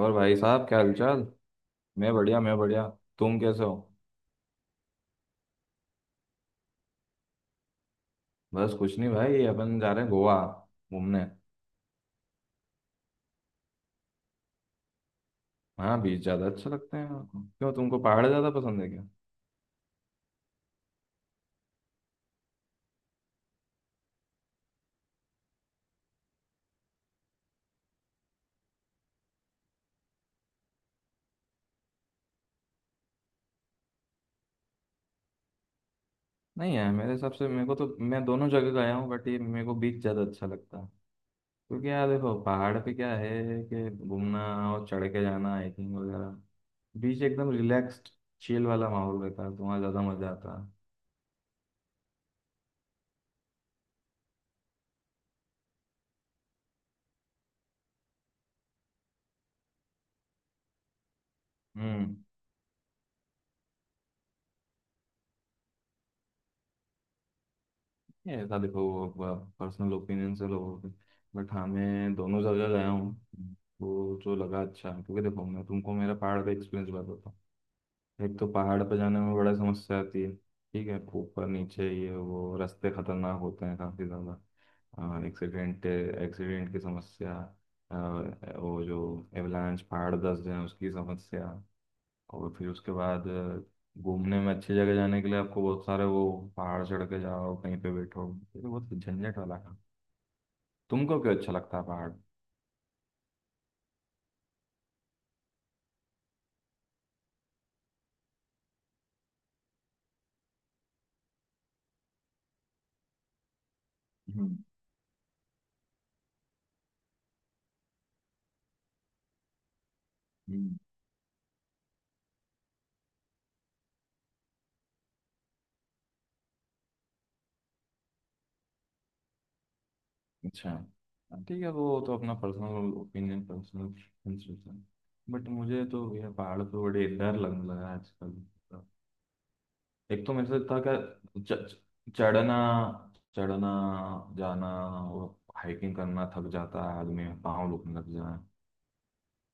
और भाई साहब क्या हालचाल। मैं बढ़िया मैं बढ़िया। तुम कैसे हो? बस कुछ नहीं भाई, अपन जा रहे हैं गोवा घूमने। हाँ, बीच ज़्यादा अच्छे लगते हैं मेरे को। क्यों, तुमको पहाड़ ज़्यादा पसंद है क्या? नहीं यार, मेरे हिसाब से, मेरे को तो, मैं दोनों जगह गया हूँ बट ये मेरे को बीच ज़्यादा अच्छा लगता है। क्योंकि यार देखो, पहाड़ पे क्या है कि घूमना और चढ़ के जाना, हाइकिंग वगैरह। बीच एकदम रिलैक्स्ड चिल वाला माहौल रहता है तो वहाँ ज़्यादा मज़ा आता है। हम्म। ये था देखो, पर्सनल ओपिनियन से लोगों के। बट हाँ, मैं दोनों जगह गया हूँ तो जो लगा अच्छा है, क्योंकि देखो मैं तुमको मेरा पहाड़ का एक्सपीरियंस बताता हूँ। एक तो पहाड़ पर जाने में बड़ा समस्या आती है, ठीक है? ऊपर नीचे ये वो रास्ते खतरनाक होते हैं काफ़ी ज़्यादा। एक्सीडेंट एक्सीडेंट की समस्या। अ, वो जो एवलांच, पहाड़ धंस जाए, उसकी समस्या। और फिर उसके बाद घूमने में अच्छी जगह जाने के लिए आपको बहुत सारे वो पहाड़ चढ़ के जाओ, कहीं पे बैठो, ये तो बहुत झंझट वाला काम। तुमको क्यों अच्छा लगता है पहाड़? हम्म। हम्म। अच्छा। हाँ, ठीक है, वो तो अपना personal opinion, personal preference. But मुझे तो यह पहाड़ पे बड़े डर लगने लगा है आजकल। एक तो मेरे साथ था कि च- च- चढ़ना चढ़ना जाना और हाइकिंग करना, थक जाता है आदमी, पाँव दुखने लग जाए,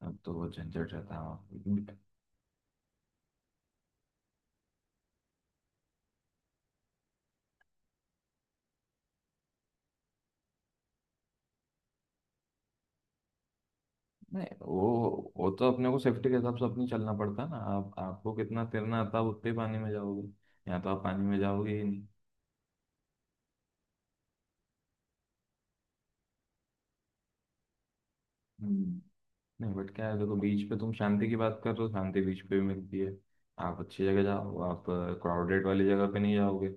अब तो वो झंझट रहता है। नहीं, वो तो अपने को सेफ्टी के हिसाब से अपनी चलना पड़ता है ना। आप आपको कितना तैरना आता है आप उतने ही पानी में जाओगे, या तो आप पानी में जाओगे ही नहीं। हम्म। नहीं बट क्या है देखो, बीच पे तुम शांति की बात कर रहे हो, शांति बीच पे भी मिलती है। आप अच्छी जगह जाओ, आप क्राउडेड वाली जगह पे नहीं जाओगे।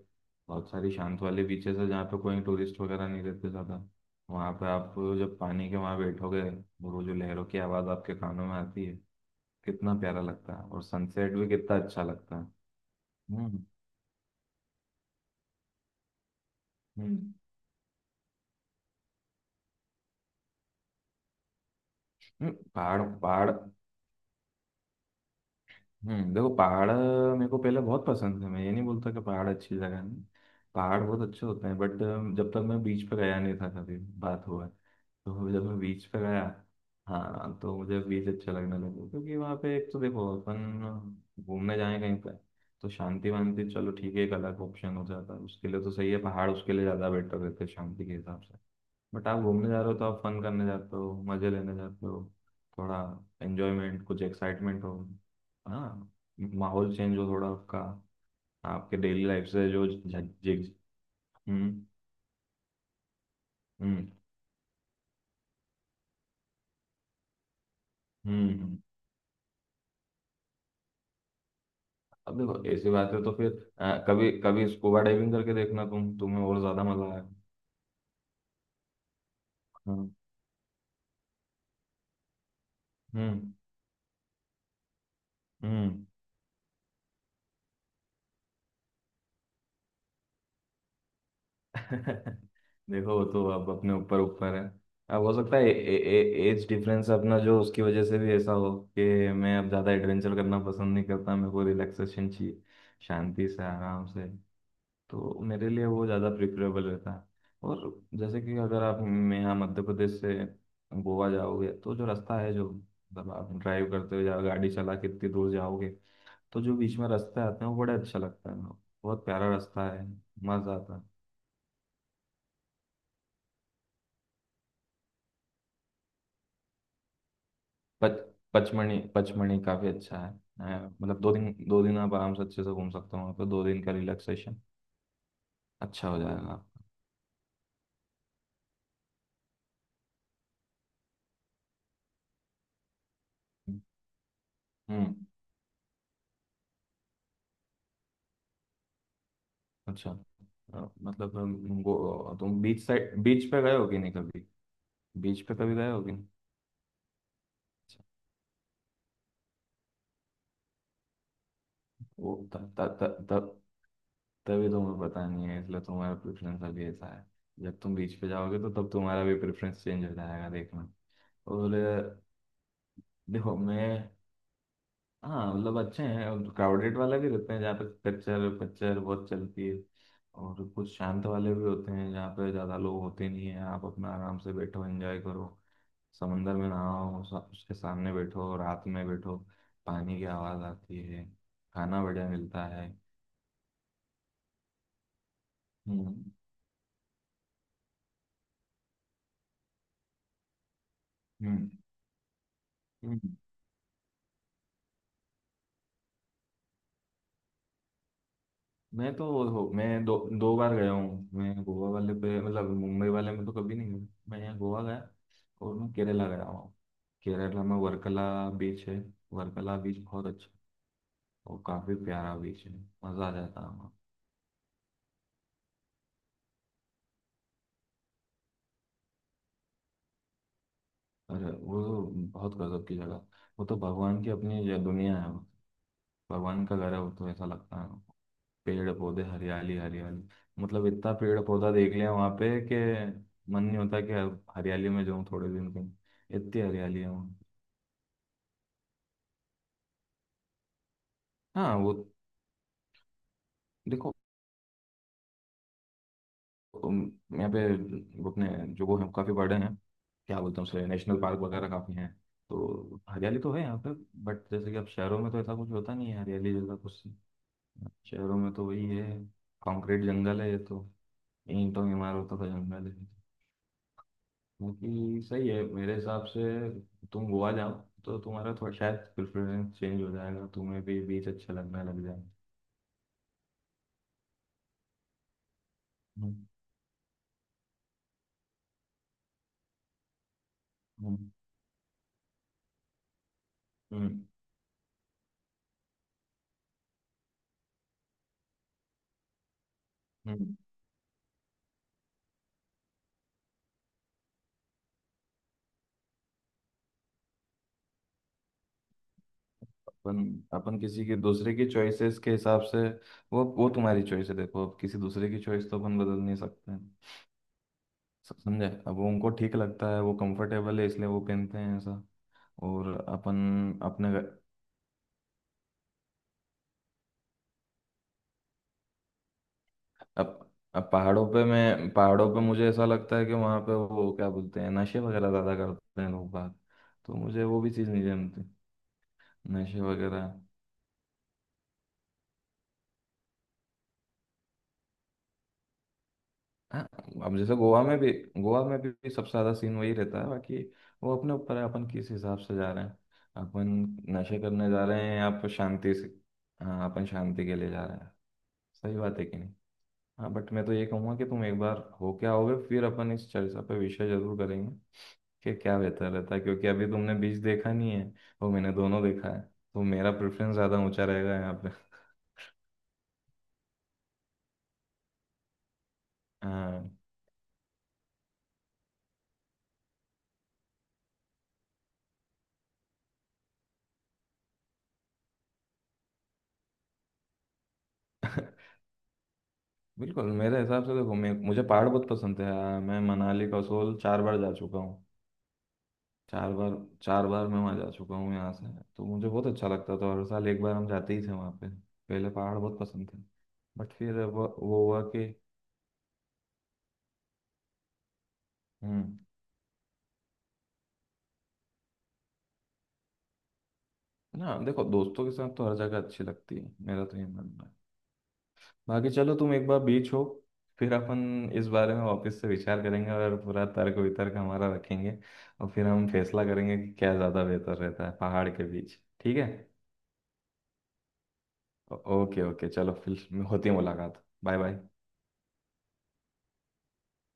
बहुत सारी शांत वाले बीचेस है जहाँ पे कोई टूरिस्ट वगैरह नहीं रहते ज़्यादा। वहाँ पे आप जब पानी के वहाँ बैठोगे, वो जो लहरों की आवाज़ आपके कानों में आती है, कितना प्यारा लगता है, और सनसेट भी कितना अच्छा लगता है। हम्म। हम्म। पहाड़ पहाड़। देखो, पहाड़ मेरे को पहले बहुत पसंद है, मैं ये नहीं बोलता कि पहाड़ अच्छी जगह नहीं, पहाड़ बहुत अच्छे होते हैं। बट जब तक मैं बीच पे गया नहीं था, कभी बात हुआ है। तो जब मैं बीच पे गया, हाँ, तो मुझे बीच अच्छा लगने लगा क्योंकि वहाँ पे एक तो देखो अपन घूमने जाए कहीं पे तो शांति वांति, चलो ठीक है, एक अलग ऑप्शन हो जाता है उसके लिए, तो सही है पहाड़ उसके लिए, ज़्यादा बेटर रहते हैं शांति के हिसाब से। बट आप घूमने जा रहे हो तो आप फन करने जाते हो, मज़े लेने जाते हो, थोड़ा एंजॉयमेंट कुछ एक्साइटमेंट हो, हाँ, माहौल चेंज हो थोड़ा आपका, आपके डेली लाइफ से जो झिग। हम्म। हम्म। हम्म। हम्म। अब देखो ऐसी बात है तो फिर कभी कभी स्कूबा डाइविंग करके देखना, तुम्हें और ज्यादा मजा आएगा। हम्म। हम्म। हम्म। देखो वो तो अब अपने ऊपर ऊपर है, अब हो सकता है एज डिफरेंस अपना, जो उसकी वजह से भी ऐसा हो, कि मैं अब ज्यादा एडवेंचर करना पसंद नहीं करता, मेरे को रिलैक्सेशन चाहिए, शांति से आराम से, तो मेरे लिए वो ज़्यादा प्रिफरेबल रहता है। और जैसे कि अगर आप, मैं यहाँ मध्य प्रदेश से गोवा जाओगे तो जो रास्ता है, जो मतलब आप ड्राइव करते हो या गाड़ी चला के इतनी दूर जाओगे तो जो बीच में रास्ते आते हैं वो बड़े अच्छा लगता है, बहुत प्यारा रास्ता है, मज़ा आता है। पच पचमणी पचमणी काफ़ी अच्छा है। मतलब 2 दिन 2 दिन आप आराम से अच्छे से घूम सकते हो, वहाँ पर 2 दिन का रिलैक्सेशन अच्छा हो जाएगा आपका। हम्म। अच्छा। मतलब गो तुम बीच साइड, बीच पे गए हो कि नहीं कभी? बीच पे कभी गए हो कि नहीं? अच्छा। वो तब तब तब तब तभी तुम्हें पता नहीं है, इसलिए तुम्हारा प्रेफरेंस अभी ऐसा है। जब तुम बीच पे जाओगे तो तब तुम्हारा भी प्रेफरेंस चेंज हो जाएगा, देखना। और देखो मैं। हाँ, मतलब अच्छे हैं और क्राउडेड वाले भी रहते हैं जहाँ पे कच्चर पच्चर बहुत चलती है, और कुछ शांत वाले भी होते हैं जहाँ पे ज़्यादा लोग होते नहीं हैं। आप अपना आराम से बैठो, एंजॉय करो, समंदर में नहाओ, उसके सामने बैठो, रात में बैठो, पानी की आवाज़ आती है, खाना बढ़िया मिलता है। हम्म। हम्म। हम्म। मैं तो हो मैं दो दो बार गया हूँ मैं, गोवा वाले पे, मतलब मुंबई वाले में तो कभी नहीं गया, मैं यहाँ गोवा गया। और मैं केरला गया हूँ, केरला में वर्कला बीच है। वर्कला बीच बहुत अच्छा है, और काफी प्यारा बीच है, मजा आ जाता है वहाँ। और वो तो बहुत गजब की जगह, वो तो भगवान की अपनी ये दुनिया है वो। भगवान का घर है वो तो, ऐसा लगता है। पेड़ पौधे, हरियाली हरियाली। मतलब इतना पेड़ पौधा देख लिया वहाँ पे कि मन नहीं होता कि अब हरियाली में जाऊँ थोड़े दिन के लिए। इतनी हरियाली है। हाँ, वो देखो, उम, यहाँ पे वो अपने जो वो हैं काफ़ी बड़े हैं, क्या बोलते हैं उसे, नेशनल पार्क वगैरह काफ़ी हैं, तो हरियाली तो है यहाँ पे। बट जैसे कि अब शहरों में तो ऐसा कुछ होता नहीं है, हरियाली जैसा कुछ। शहरों में तो वही है, कंक्रीट जंगल है ये तो, ईंटों की इमारतों का जंगल है। बाकी सही है मेरे हिसाब से, तुम गोवा जाओ तो तुम्हारा थोड़ा शायद प्रेफरेंस चेंज हो जाएगा, तुम्हें भी बीच अच्छा लगने लग जाएगा। हम्म। हम्म। हम्म। हम्म। अपन अपन किसी के दूसरे की चॉइसेस के हिसाब से, वो तुम्हारी चॉइस है, देखो अब किसी दूसरे की चॉइस तो अपन बदल नहीं सकते हैं। समझे, अब वो उनको ठीक लगता है, वो कंफर्टेबल है, इसलिए वो पहनते हैं, ऐसा। और अपन अपने घर-। अब अब पहाड़ों पे मुझे ऐसा लगता है कि वहाँ पे वो, क्या बोलते हैं, नशे वगैरह ज़्यादा करते हैं लोग बाग, तो मुझे वो भी चीज़ नहीं जमती। नशे वगैरह। हाँ, अब जैसे गोवा में भी सबसे ज्यादा सीन वही रहता है बाकी, वो अपने ऊपर है अपन किस हिसाब से जा रहे हैं, अपन, नशे करने जा रहे हैं या फिर शांति से। हाँ, अपन शांति के लिए जा रहे हैं, सही बात है कि नहीं? हाँ बट मैं तो ये कहूँगा कि तुम एक बार हो क्या आओगे, फिर अपन इस चर्चा पे विषय जरूर करेंगे कि क्या बेहतर रहता है, क्योंकि अभी तुमने बीच देखा नहीं है, वो मैंने दोनों देखा है तो मेरा प्रेफरेंस ज़्यादा ऊंचा रहेगा यहाँ पे। हाँ। बिल्कुल मेरे हिसाब से देखो, मैं मुझे पहाड़ बहुत पसंद है, मैं मनाली कसोल 4 बार जा चुका हूँ, 4 बार, 4 बार मैं वहाँ जा चुका हूँ यहाँ से। तो मुझे बहुत अच्छा लगता था, हर साल एक बार हम जाते ही थे वहाँ पे, पहले पहाड़ बहुत पसंद थे। बट फिर वो हुआ कि। हम्म। ना देखो, दोस्तों के साथ तो हर जगह अच्छी लगती है, मेरा तो ये मानना है। बाकी चलो तुम एक बार बीच हो, फिर अपन इस बारे में वापस से विचार करेंगे और पूरा तर्क वितर्क हमारा रखेंगे, और फिर हम फैसला करेंगे कि क्या ज़्यादा बेहतर रहता है, पहाड़ के बीच, ठीक है? ओ- ओके ओके, चलो, फिर होती है मुलाकात, बाय बाय।